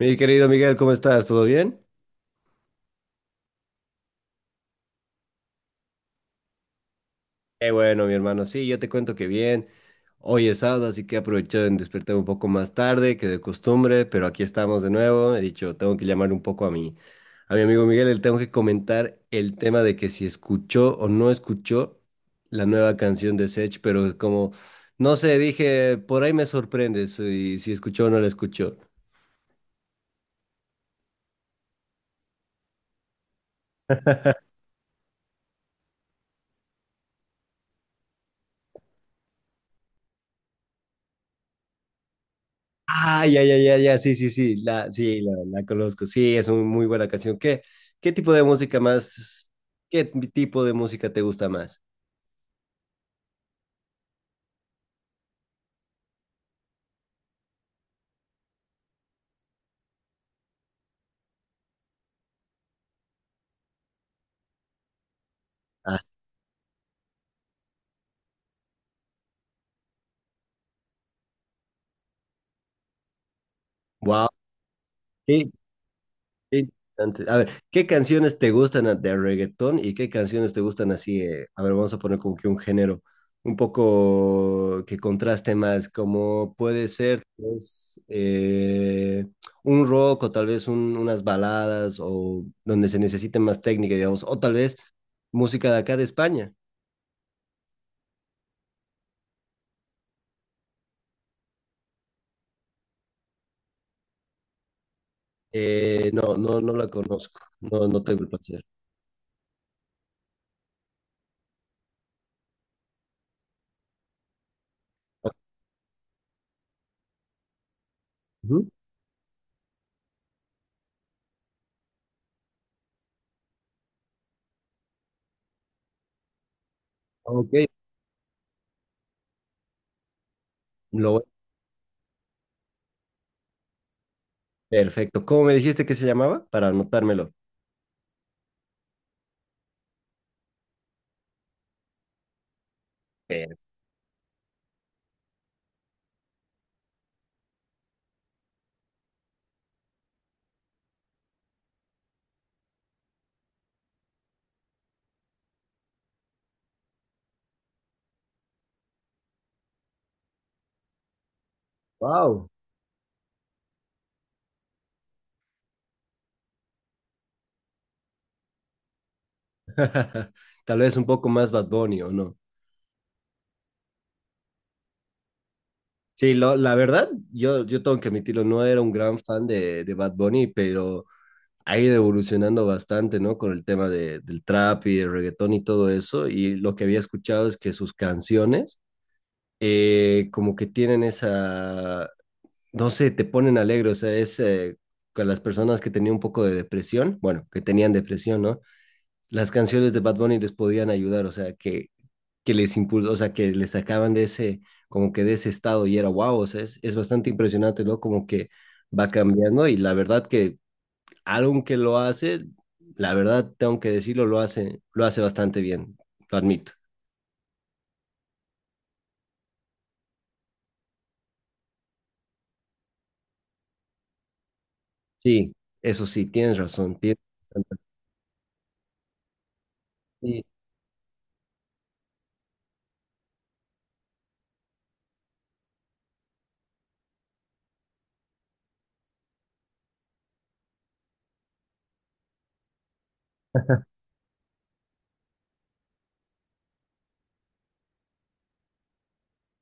Mi querido Miguel, ¿cómo estás? ¿Todo bien? Qué bueno, mi hermano. Sí, yo te cuento que bien. Hoy es sábado, así que he aprovechado en despertar un poco más tarde que de costumbre, pero aquí estamos de nuevo. He dicho, tengo que llamar un poco a mi amigo Miguel. Le tengo que comentar el tema de que si escuchó o no escuchó la nueva canción de Sech, pero como, no sé, dije, por ahí me sorprendes y si escuchó o no la escuchó. Ah, ya, ya, ya, ya, sí, sí, sí, la conozco, sí, es una muy buena canción. Qué tipo de música más, qué tipo de música te gusta más? Ah, wow. Qué interesante. A ver, ¿qué canciones te gustan de reggaetón y qué canciones te gustan así? A ver, vamos a poner como que un género un poco que contraste más, como puede ser pues, un rock o tal vez unas baladas o donde se necesite más técnica, digamos, o tal vez música de acá de España. No, no la conozco, no, no tengo el placer. Ujú. Ok, lo- perfecto. ¿Cómo me dijiste que se llamaba? Para anotármelo. Wow. Tal vez un poco más Bad Bunny o no. Sí, la verdad, yo tengo que admitirlo, no era un gran fan de Bad Bunny, pero ha ido evolucionando bastante, ¿no? Con el tema del trap y el reggaetón y todo eso. Y lo que había escuchado es que sus canciones como que tienen esa, no sé, te ponen alegre, o sea, es con las personas que tenían un poco de depresión, bueno, que tenían depresión, ¿no? Las canciones de Bad Bunny les podían ayudar, o sea, que les impulsó, o sea, que les sacaban de ese, como que de ese estado y era wow, o sea, es bastante impresionante, ¿no? Como que va cambiando y la verdad que algo que lo hace, la verdad tengo que decirlo, lo hace bastante bien, lo admito. Sí, eso sí, tienes razón, tienes bastante- sí.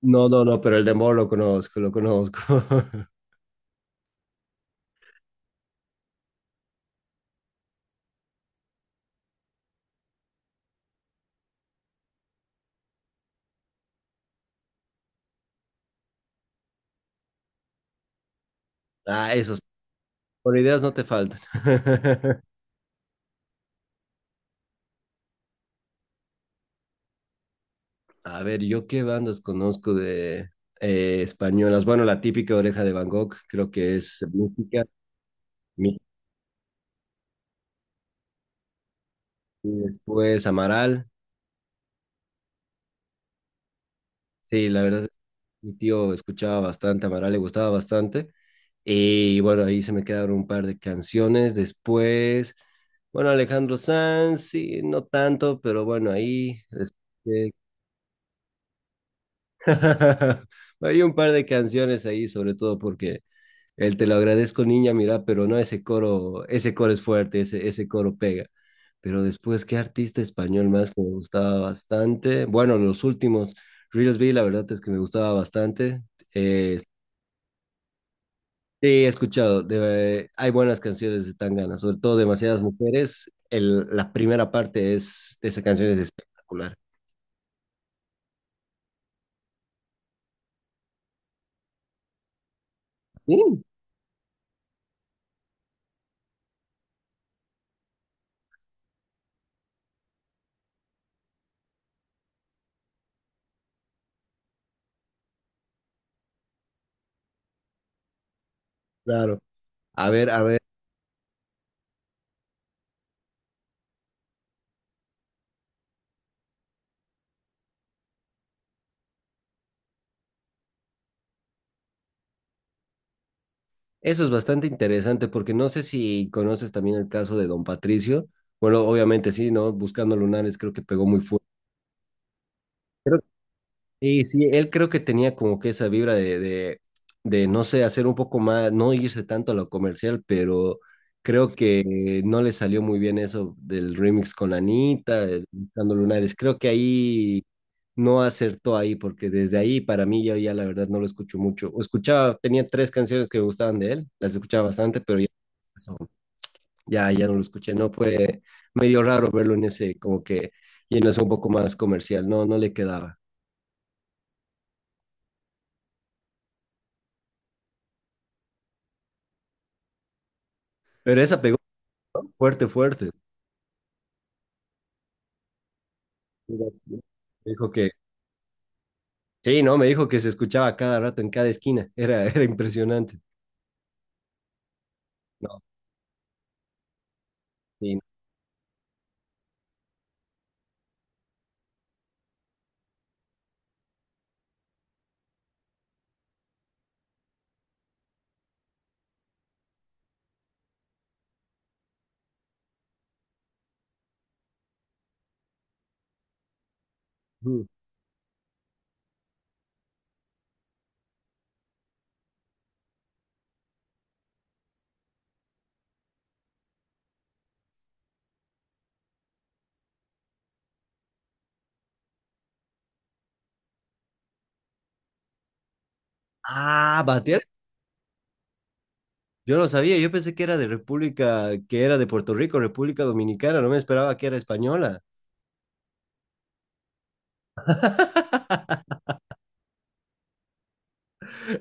No, no, no, pero el dembow lo conozco, lo conozco. Ah, esos, por ideas no te faltan. A ver, ¿yo qué bandas conozco de españolas? Bueno, la típica Oreja de Van Gogh, creo que es música. Mi- y después Amaral. Sí, la verdad, es que mi tío escuchaba bastante, Amaral le gustaba bastante. Y bueno, ahí se me quedaron un par de canciones. Después, bueno, Alejandro Sanz, sí, no tanto, pero bueno, ahí. Después- Hay un par de canciones ahí, sobre todo porque el te lo agradezco, niña, mira, pero no, ese coro es fuerte, ese coro pega. Pero después, ¿qué artista español más que me gustaba bastante? Bueno, los últimos, Reels B, la verdad es que me gustaba bastante. Sí, he escuchado, hay buenas canciones de Tangana, sobre todo Demasiadas Mujeres. La primera parte es, de esa canción es espectacular. Sí, claro. A ver, a ver. Eso es bastante interesante porque no sé si conoces también el caso de Don Patricio. Bueno, obviamente sí, ¿no? Buscando lunares creo que pegó muy fuerte. Y sí, él creo que tenía como que esa vibra de, no sé, hacer un poco más, no irse tanto a lo comercial, pero creo que no le salió muy bien eso del remix con Anita, el Buscando lunares. Creo que ahí no acertó ahí porque desde ahí para mí yo ya la verdad no lo escucho mucho. O escuchaba, tenía tres canciones que me gustaban de él, las escuchaba bastante, pero ya... Ya, ya no lo escuché, no fue medio raro verlo en ese, como que, y en eso un poco más comercial, no, no le quedaba. Pero esa pegó fuerte, fuerte. Mira, me dijo que, sí, no, me dijo que se escuchaba a cada rato en cada esquina, era, era impresionante. No, sí, no. Mm. Ah, batear, yo no sabía, yo pensé que era de República, que era de Puerto Rico, República Dominicana, no me esperaba que era española.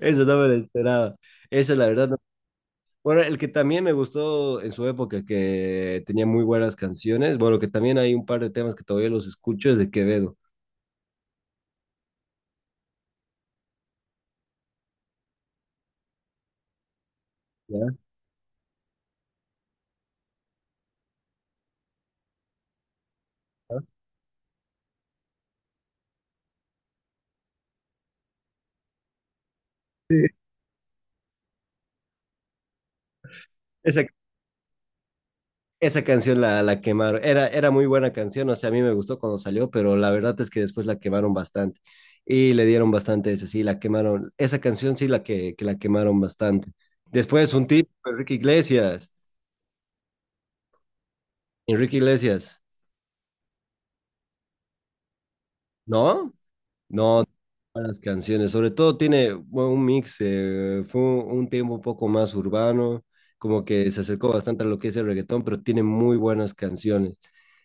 Eso no me lo esperaba. Esa, la verdad, bueno, el que también me gustó en su época, que tenía muy buenas canciones, bueno, que también hay un par de temas que todavía los escucho, es de Quevedo. ¿Ya? Ah, sí. Esa, esa canción la quemaron, era, era muy buena canción, o sea, a mí me gustó cuando salió, pero la verdad es que después la quemaron bastante y le dieron bastante ese, sí, la quemaron, esa canción sí que la quemaron bastante. Después un tipo, Enrique Iglesias, Enrique Iglesias, ¿no? No, buenas canciones, sobre todo tiene bueno, un mix, fue un tiempo un poco más urbano, como que se acercó bastante a lo que es el reggaetón, pero tiene muy buenas canciones.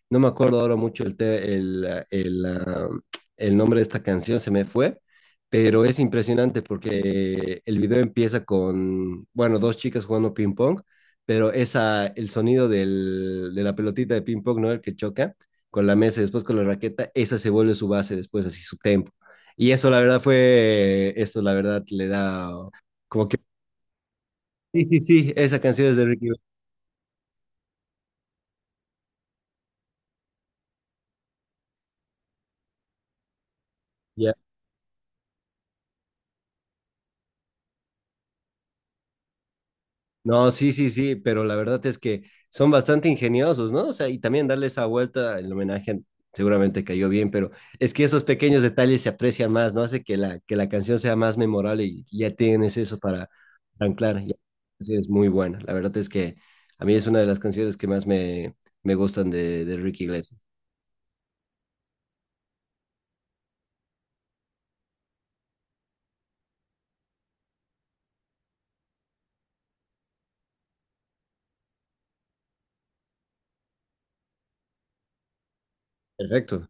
No me acuerdo ahora mucho el, te- el, ah, el, ah, el nombre de esta canción, se me fue, pero es impresionante porque el video empieza con, bueno, dos chicas jugando ping pong, pero esa, el sonido de la pelotita de ping pong, ¿no? El que choca con la mesa y después con la raqueta, esa se vuelve su base después, así su tempo. Y eso, la verdad, fue, eso, la verdad, le da como que, sí, sí, sí, esa canción es de Ricky Martin. Ya. No, sí, sí, sí, pero la verdad es que son bastante ingeniosos, ¿no? O sea, y también darle esa vuelta, el homenaje seguramente cayó bien, pero es que esos pequeños detalles se aprecian más, ¿no? Hace que que la canción sea más memorable y ya tienes eso para anclar. Y así es muy buena. La verdad es que a mí es una de las canciones que más me, me gustan de Ricky Iglesias. Perfecto.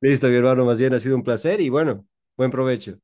Listo, mi hermano, más bien ha sido un placer y bueno, buen provecho.